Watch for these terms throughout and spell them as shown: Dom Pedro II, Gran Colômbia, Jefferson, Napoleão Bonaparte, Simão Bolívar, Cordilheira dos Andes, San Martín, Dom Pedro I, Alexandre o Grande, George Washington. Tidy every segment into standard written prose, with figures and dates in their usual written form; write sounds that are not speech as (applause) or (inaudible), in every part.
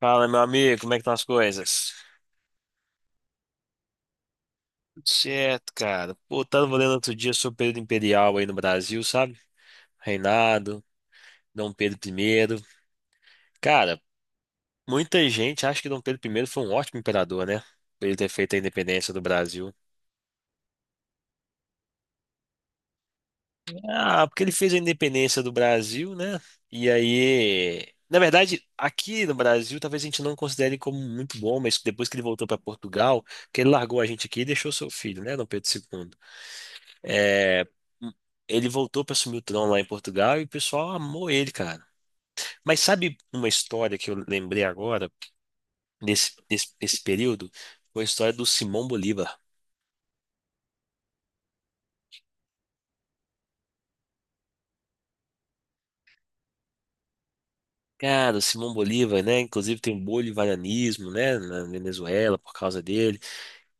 Fala, meu amigo, como é que estão as coisas? Tudo certo, cara. Pô, tava lendo outro dia sobre o período imperial aí no Brasil, sabe? Reinado, Dom Pedro I. Cara, muita gente acha que Dom Pedro I foi um ótimo imperador, né? Por ele ter feito a independência do Brasil. Ah, porque ele fez a independência do Brasil, né? E aí. Na verdade, aqui no Brasil, talvez a gente não considere como muito bom, mas depois que ele voltou para Portugal, que ele largou a gente aqui e deixou seu filho, né, Dom Pedro II. É, ele voltou para assumir o trono lá em Portugal e o pessoal amou ele, cara. Mas sabe uma história que eu lembrei agora, nesse período? Foi a história do Simão Bolívar. Cara, o Simão Bolívar, né? Inclusive tem o bolivarianismo, né? Na Venezuela, por causa dele. O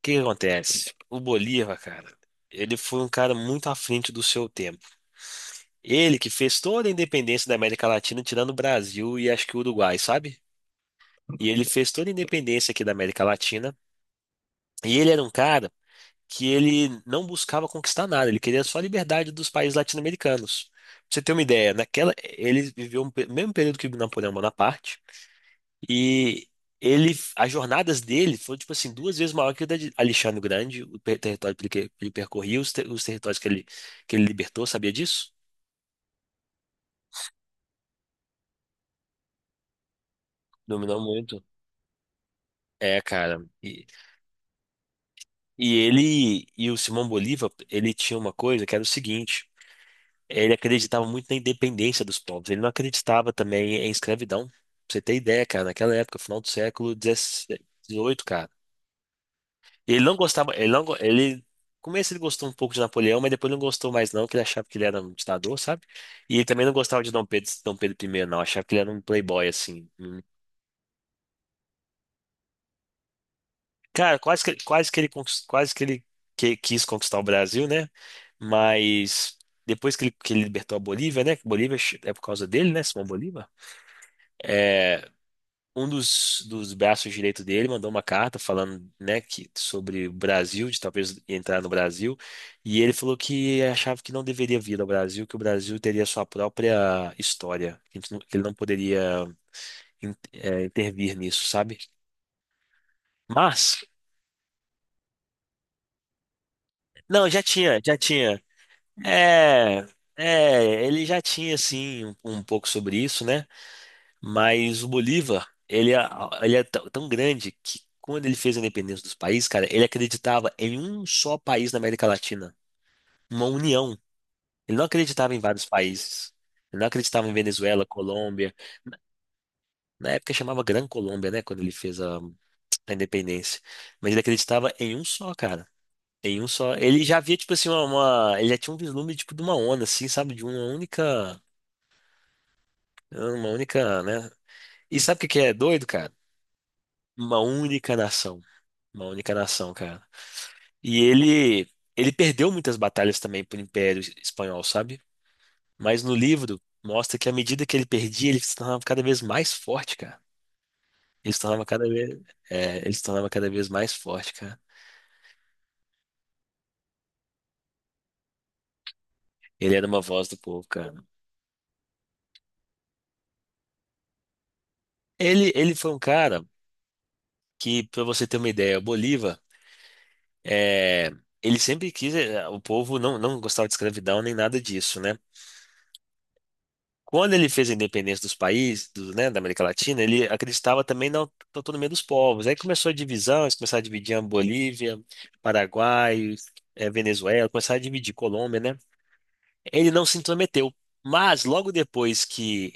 que que acontece? O Bolívar, cara, ele foi um cara muito à frente do seu tempo. Ele que fez toda a independência da América Latina, tirando o Brasil e acho que o Uruguai, sabe? E ele fez toda a independência aqui da América Latina. E ele era um cara que ele não buscava conquistar nada, ele queria só a liberdade dos países latino-americanos. Pra você ter uma ideia, naquela ele viveu o mesmo período que Napoleão Bonaparte e ele as jornadas dele foram tipo assim duas vezes maior que a de Alexandre o Grande, o território que ele percorria, os territórios que ele libertou, sabia disso? Dominou muito. É, cara. E ele e o Simão Bolívar, ele tinha uma coisa que era o seguinte. Ele acreditava muito na independência dos povos. Ele não acreditava também em escravidão. Pra você ter ideia, cara, naquela época, final do século dezoito, cara. Ele não gostava, ele não, go- ele, no começo ele gostou um pouco de Napoleão, mas depois não gostou mais não, que ele achava que ele era um ditador, sabe? E ele também não gostava de Dom Pedro, Dom Pedro I, não, achava que ele era um playboy assim. Hum. Cara, quase que ele conquist- quase que ele que- quis conquistar o Brasil, né? Mas depois que ele, libertou a Bolívia, né? Que Bolívia é por causa dele, né? Simão Bolívar. É, um dos braços direitos dele mandou uma carta falando, né, que, sobre o Brasil, de talvez entrar no Brasil, e ele falou que achava que não deveria vir ao Brasil, que o Brasil teria sua própria história, que ele não poderia intervir nisso, sabe? Mas, não, já tinha, já tinha. É, é, ele já tinha, assim, um pouco sobre isso, né? Mas o Bolívar, ele é tão tão grande que quando ele fez a independência dos países, cara, ele acreditava em um só país na América Latina, uma união. Ele não acreditava em vários países. Ele não acreditava em Venezuela, Colômbia. Na época chamava Gran Colômbia, né, quando ele fez a independência. Mas ele acreditava em um só, cara. Em um só. Ele já via, tipo assim, ele já tinha um vislumbre, tipo, de uma onda, assim, sabe? De uma única, né? E sabe o que que é doido, cara? Uma única nação. Uma única nação, cara. E ele perdeu muitas batalhas também pro Império Espanhol, sabe? Mas no livro mostra que à medida que ele perdia, ele se tornava cada vez mais forte, cara. Ele se tornava cada vez, ele se tornava cada vez mais forte, cara. Ele era uma voz do povo, cara. Ele foi um cara que, pra você ter uma ideia, o Bolívar, é, ele sempre quis, o povo não gostava de escravidão nem nada disso, né? Quando ele fez a independência dos países, da América Latina, ele acreditava também na autonomia dos povos. Aí começou a divisão, eles começaram a dividir a Bolívia, Paraguai, Venezuela, começaram a dividir Colômbia, né? Ele não se intrometeu. Mas logo depois que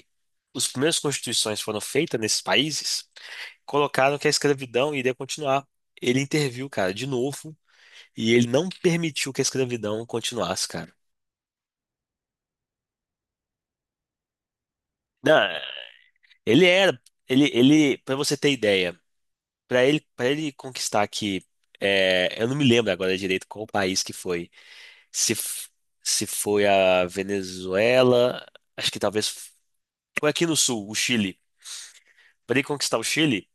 as primeiras constituições foram feitas nesses países, colocaram que a escravidão iria continuar. Ele interviu, cara, de novo, e ele não permitiu que a escravidão continuasse, cara. Não, ele era, ele, para você ter ideia. Para ele conquistar aqui, eu não me lembro agora direito qual país que foi. Se, f- Se foi a Venezuela, acho que talvez foi aqui no sul, o Chile. Para ele conquistar o Chile,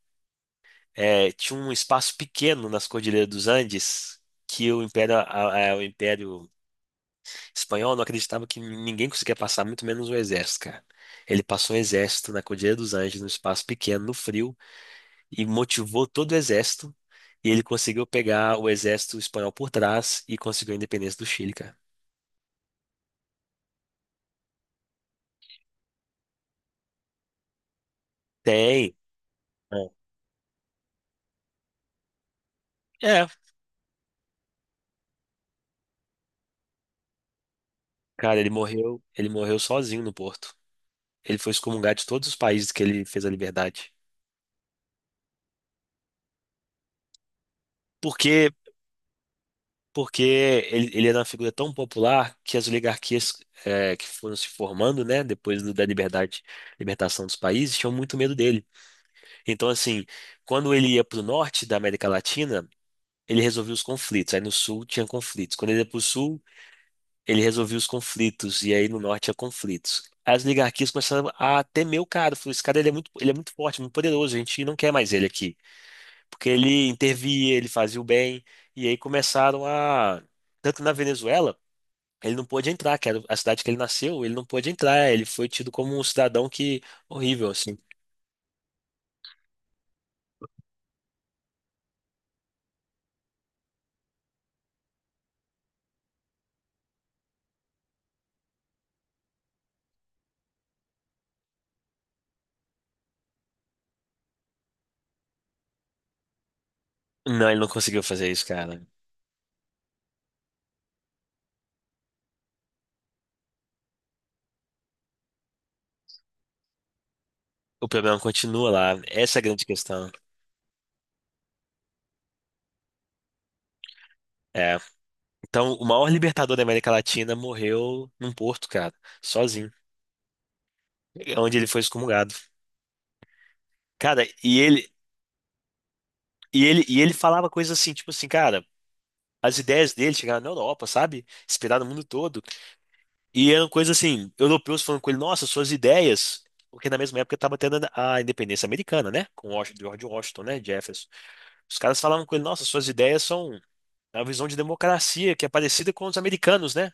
tinha um espaço pequeno nas Cordilheiras dos Andes que o Império Espanhol não acreditava que ninguém conseguia passar, muito menos o exército, cara. Ele passou um exército na Cordilheira dos Andes, num espaço pequeno, no frio, e motivou todo o exército. E ele conseguiu pegar o exército espanhol por trás e conseguiu a independência do Chile, cara. Tem. É. É. Cara, ele morreu sozinho no Porto. Ele foi excomungado de todos os países que ele fez a liberdade. Porque, porque ele era uma figura tão popular que as oligarquias, que foram se formando, né, depois da liberdade, libertação dos países, tinham muito medo dele. Então, assim, quando ele ia para o norte da América Latina ele resolvia os conflitos. Aí no sul tinha conflitos. Quando ele ia pro sul, ele resolvia os conflitos. E aí no norte tinha conflitos. Aí as oligarquias começaram a temer o cara. Falou, esse cara ele é muito forte, muito poderoso. A gente não quer mais ele aqui. Porque ele intervia, ele fazia o bem. E aí começaram a... Tanto na Venezuela, ele não pôde entrar, que era a cidade que ele nasceu, ele não pôde entrar. Ele foi tido como um cidadão que... Horrível, assim. Não, ele não conseguiu fazer isso, cara. O problema continua lá. Essa é a grande questão. É. Então, o maior libertador da América Latina morreu num porto, cara, sozinho. É onde ele foi excomungado. Cara, e ele falava coisas assim, tipo assim, cara, as ideias dele chegaram na Europa, sabe? Inspiraram o mundo todo. E eram coisas assim, europeus falando com ele, nossa, suas ideias. Porque na mesma época estava tendo a independência americana, né? Com George Washington, né? Jefferson. Os caras falavam com ele, nossa, suas ideias são a visão de democracia, que é parecida com os americanos, né?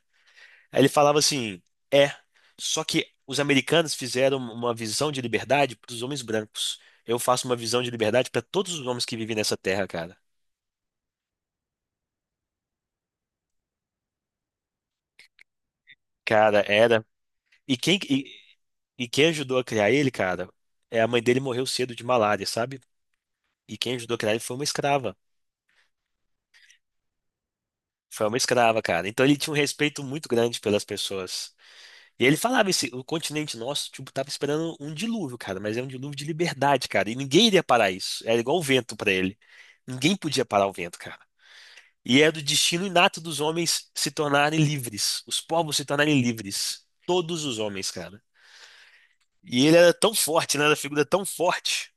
Aí ele falava assim: é, só que os americanos fizeram uma visão de liberdade para os homens brancos. Eu faço uma visão de liberdade para todos os homens que vivem nessa terra, cara. Cara, era. E quem, e, e quem ajudou a criar ele, cara, a mãe dele morreu cedo de malária, sabe? E quem ajudou a criar ele foi uma escrava. Foi uma escrava, cara. Então ele tinha um respeito muito grande pelas pessoas. E ele falava o continente nosso, tipo, tava esperando um dilúvio, cara, mas é um dilúvio de liberdade, cara, e ninguém iria parar isso. Era igual o vento pra ele. Ninguém podia parar o vento, cara. E é do destino inato dos homens se tornarem livres, os povos se tornarem livres, todos os homens, cara. E ele era tão forte, né, era uma figura tão forte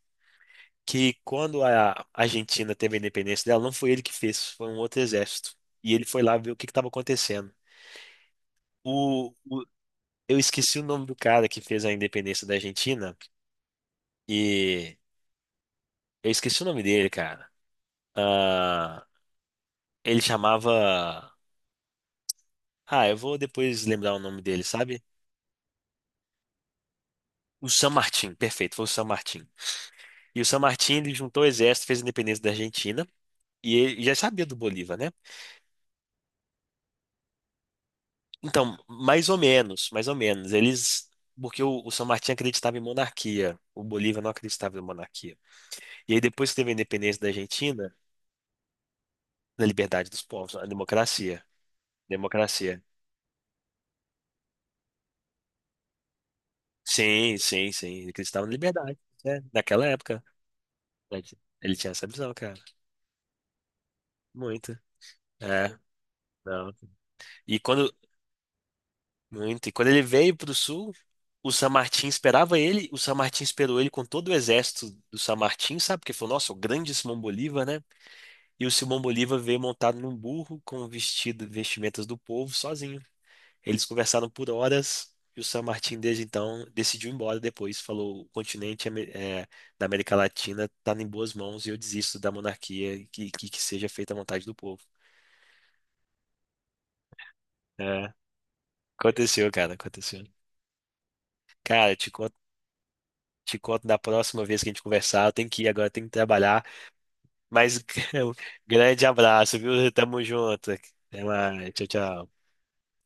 que quando a Argentina teve a independência dela, não foi ele que fez, foi um outro exército. E ele foi lá ver o que estava acontecendo. O, o- eu esqueci o nome do cara que fez a independência da Argentina. E eu esqueci o nome dele, cara. Ah, ele chamava. Ah, eu vou depois lembrar o nome dele, sabe? O San Martín, perfeito, foi o San Martín. E o San Martín, ele juntou o exército, fez a independência da Argentina, e ele já sabia do Bolívar, né? Então, mais ou menos, mais ou menos. Eles. Porque o San Martín acreditava em monarquia, o Bolívar não acreditava em monarquia. E aí, depois que teve a independência da Argentina, na liberdade dos povos, a democracia. Democracia. Sim, sim, sim. Ele acreditava na liberdade. Né? Naquela época. Né? Ele tinha essa visão, cara. Muito. É, não. E quando... Muito. E quando ele veio pro sul, o San Martín esperava ele, o San Martín esperou ele com todo o exército do San Martín, sabe? Porque falou, nossa, o grande Simão Bolívar, né? E o Simão Bolívar veio montado num burro com vestimentas do povo, sozinho. Eles conversaram por horas e o San Martín, desde então, decidiu ir embora depois. Falou: o continente da América Latina está em boas mãos e eu desisto da monarquia e que seja feita a vontade do povo. É, aconteceu. Cara, eu te conto da próxima vez que a gente conversar. Eu tenho que ir agora, eu tenho que trabalhar. Mas (laughs) um grande abraço, viu? Tamo junto. Até mais. Tchau, tchau.